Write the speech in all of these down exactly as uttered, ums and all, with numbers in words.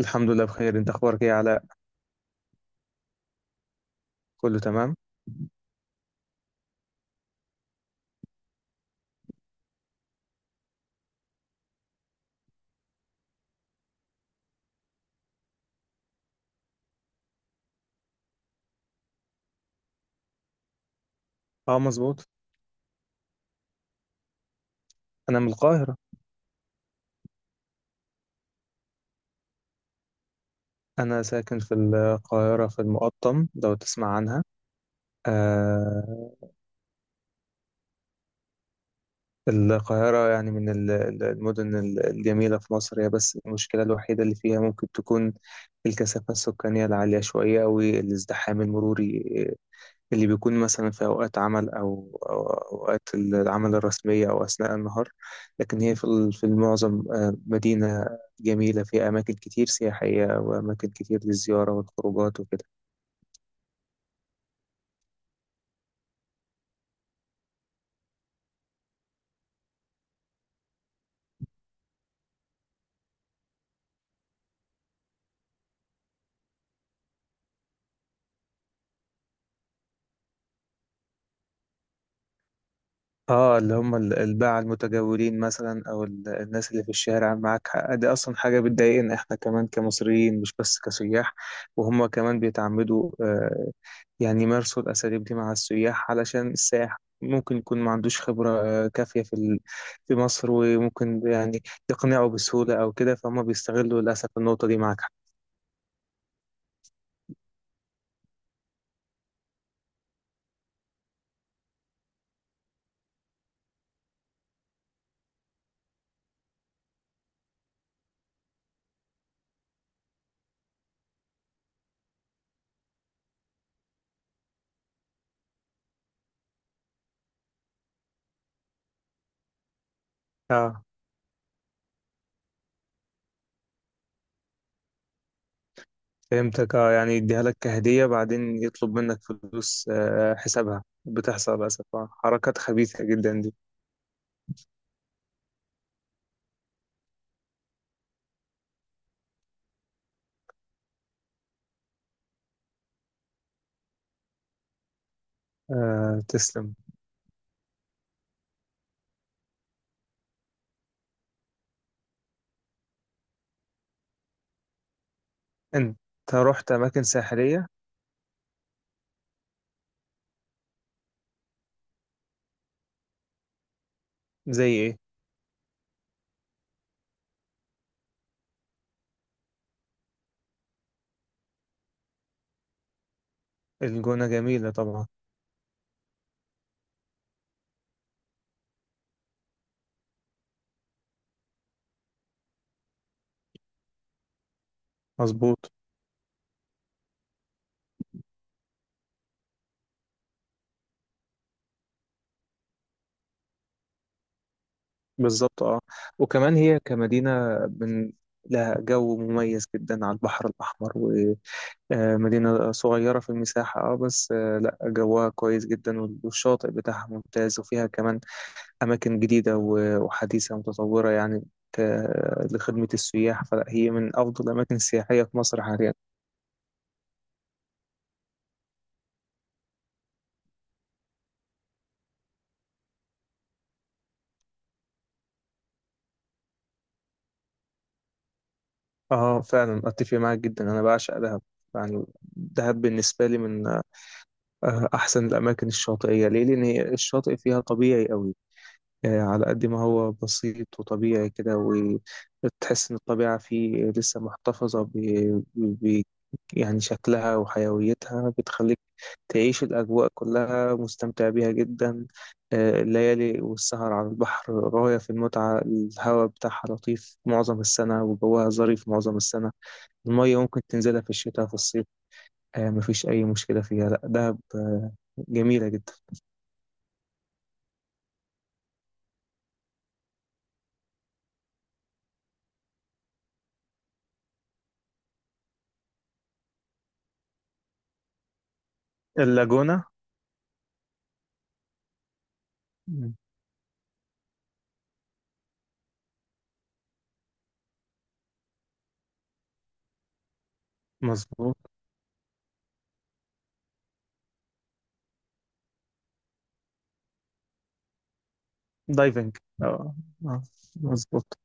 الحمد لله بخير، انت اخبارك ايه يا علاء؟ كله تمام. اه مظبوط. انا من القاهرة. انا ساكن في القاهرة في المقطم لو تسمع عنها. آه. القاهرة يعني من ال- ال- المدن ال- الجميلة في مصر، هي بس المشكلة الوحيدة اللي فيها ممكن تكون الكثافة السكانية العالية شوية أو الازدحام المروري اللي بيكون مثلا في أوقات عمل أو أو أوقات العمل الرسمية أو أثناء النهار. لكن هي في ال- في المعظم آه، مدينة جميلة فيها أماكن كتير سياحية وأماكن كتير للزيارة والخروجات وكده. اه، اللي هم ال- الباعة المتجولين مثلا او ال- الناس اللي في الشارع معاك حق، دي اصلا حاجة بتضايقنا احنا كمان كمصريين مش بس كسياح. وهم كمان بيتعمدوا آه يعني يمارسوا الاساليب دي مع السياح، علشان السائح ممكن يكون ما عندوش خبرة آه، كافية في ال- في مصر، وممكن يعني يقنعه بسهولة او كده، فهم بيستغلوا للاسف النقطة دي معاك حق. اه فهمتك، اه يعني يديها لك كهدية بعدين يطلب منك فلوس آه حسابها، بتحصل للأسف آه، حركات خبيثة جدا دي. آه تسلم. انت رحت اماكن ساحلية؟ زي ايه؟ الجونة جميلة طبعا. مظبوط. بالظبط اه. وكمان هي كمدينة من لها جو مميز جدا على البحر الأحمر، ومدينة صغيرة في المساحة اه، بس آه لا جوها كويس جدا، والشاطئ بتاعها ممتاز، وفيها كمان أماكن جديدة و- وحديثة ومتطورة يعني ك- لخدمة السياح، فلا هي من أفضل الأماكن السياحية في مصر حاليا. اه فعلا اتفق معاك جدا، انا بعشق دهب. يعني دهب بالنسبه لي من آه، احسن الاماكن الشاطئيه ليه، لان هي الشاطئ فيها طبيعي قوي. آه، على قد ما هو بسيط وطبيعي كده، وتحس ان الطبيعه فيه لسه محتفظه ب... ب... يعني شكلها وحيويتها، بتخليك تعيش الاجواء كلها مستمتع بيها جدا. آه، الليالي والسهر على البحر غايه في المتعه، الهواء بتاعها لطيف معظم السنه وجوها ظريف معظم السنه. المية ممكن تنزلها في الشتاء في الصيف، آه مفيش أي مشكلة فيها. لأ دهب آه جميلة جدا. اللاجونة. مم. مظبوط. دايفنج. اه. آه، مظبوط.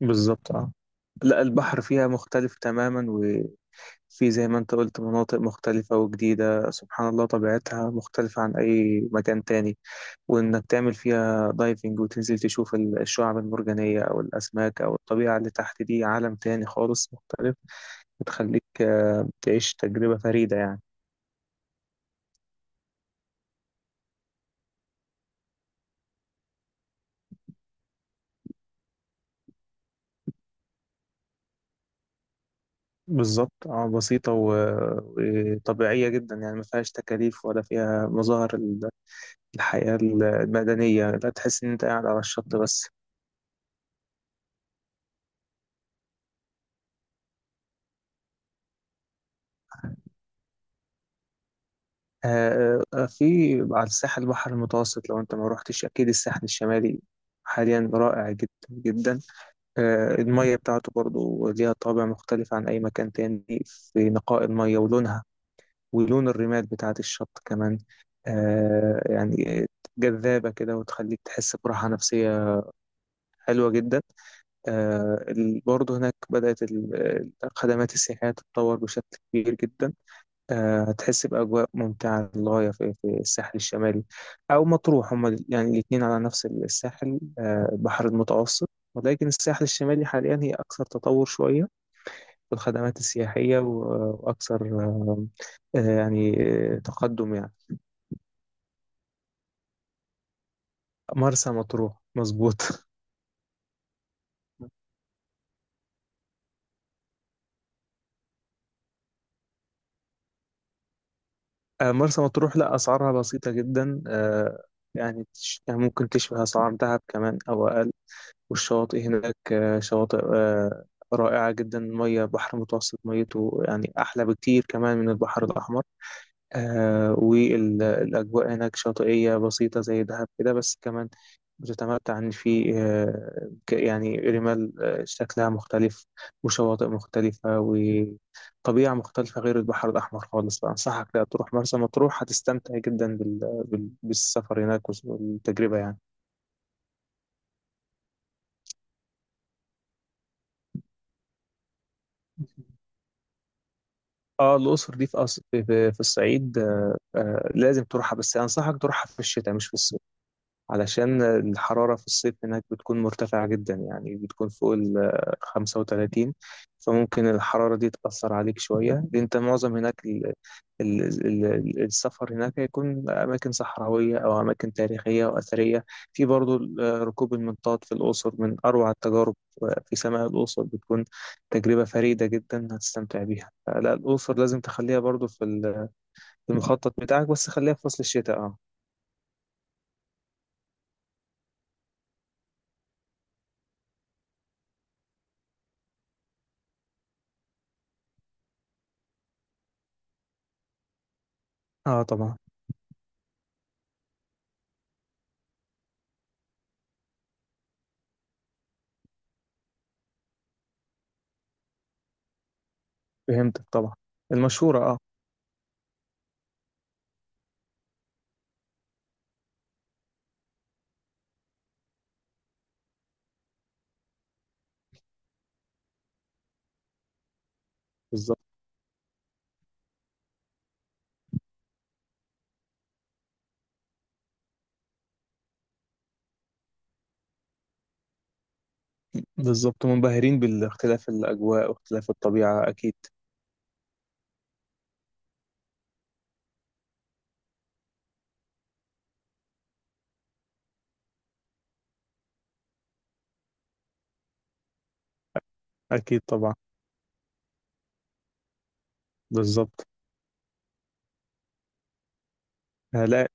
بالظبط اه. لا البحر فيها مختلف تماما، وفي زي ما انت قلت مناطق مختلفة وجديدة، سبحان الله طبيعتها مختلفة عن أي مكان تاني. وإنك تعمل فيها دايفنج وتنزل تشوف الشعاب المرجانية أو الأسماك أو الطبيعة اللي تحت، دي عالم تاني خالص مختلف، بتخليك آه، تعيش تجربة فريدة يعني. بالظبط اه، بسيطة و- وطبيعية جدا، يعني ما فيهاش تكاليف ولا فيها مظاهر ال- الحياة المدنية، لا تحس إن أنت قاعد على الشط بس. آه، آه، في على الساحل البحر المتوسط لو أنت ما روحتش أكيد، الساحل الشمالي حاليا رائع جدا جدا. آه، المية بتاعته برضو ليها طابع مختلف عن أي مكان تاني، في نقاء المية ولونها ولون الرمال بتاعت الشط كمان. آه يعني جذابة كده وتخليك تحس براحة نفسية، حلوة جدا. آه ال- برضه هناك بدأت ال- الخدمات السياحية تتطور بشكل كبير جدا. آه هتحس بأجواء ممتعة للغاية في, في الساحل الشمالي أو مطروح، هما ال- يعني الاتنين على نفس الساحل آه البحر المتوسط، ولكن الساحل الشمالي حاليا هي أكثر تطور شوية في الخدمات السياحية و- وأكثر آه، آه، يعني آه، تقدم يعني. مرسى مطروح مظبوط آه، مرسى مطروح لا أسعارها بسيطة جدا، آه، يعني تش- يعني ممكن تشبه أسعار دهب كمان أو أقل. والشواطئ هناك آه، شواطئ آه، رائعة جدا، مية بحر متوسط ميته يعني أحلى بكتير كمان من البحر الأحمر. آه والأجواء هناك شاطئية بسيطة زي دهب كده، بس كمان بتتمتع إن في آه ك- يعني رمال آه، شكلها مختلف، وشواطئ مختلفة وطبيعة مختلفة غير البحر الأحمر خالص. فأنصحك لا تروح مرسى مطروح، هتستمتع جدا بال بال بالسفر هناك والتجربة يعني. اه الأقصر دي في أص... في في الصعيد، آه آه لازم تروحها، بس أنصحك تروحها في الشتاء مش في الصيف، علشان الحرارة في الصيف هناك بتكون مرتفعة جدا، يعني بتكون فوق ال خمسة وثلاثين، فممكن الحرارة دي تأثر عليك شوية. دي انت معظم هناك ال- ال- ال- السفر هناك هيكون أماكن صحراوية أو أماكن تاريخية وأثرية. في برضو ال- ركوب المنطاد في الأقصر، من أروع التجارب في سماء الأقصر، بتكون تجربة فريدة جدا هتستمتع بيها. لا الأقصر لازم تخليها برضو في ال- في المخطط بتاعك، بس خليها في فصل الشتاء اه. اه طبعا. فهمتك طبعا. المشهورة اه. بالظبط. بالظبط منبهرين بالاختلاف الأجواء واختلاف الطبيعة أكيد. أكيد طبعا. بالظبط. آه لا،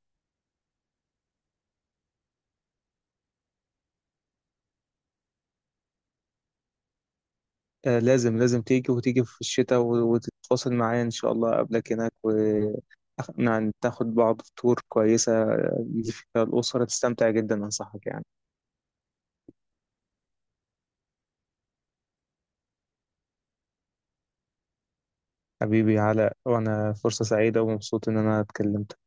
آه لازم لازم تيجي وتيجي في الشتاء و- وتتواصل معايا إن شاء الله قبلك هناك، وناخد بعض في تور كويسة اللي فيها الأسرة تستمتع جدا، أنصحك يعني. حبيبي علاء، وأنا فرصة سعيدة ومبسوط إن أنا اتكلمت.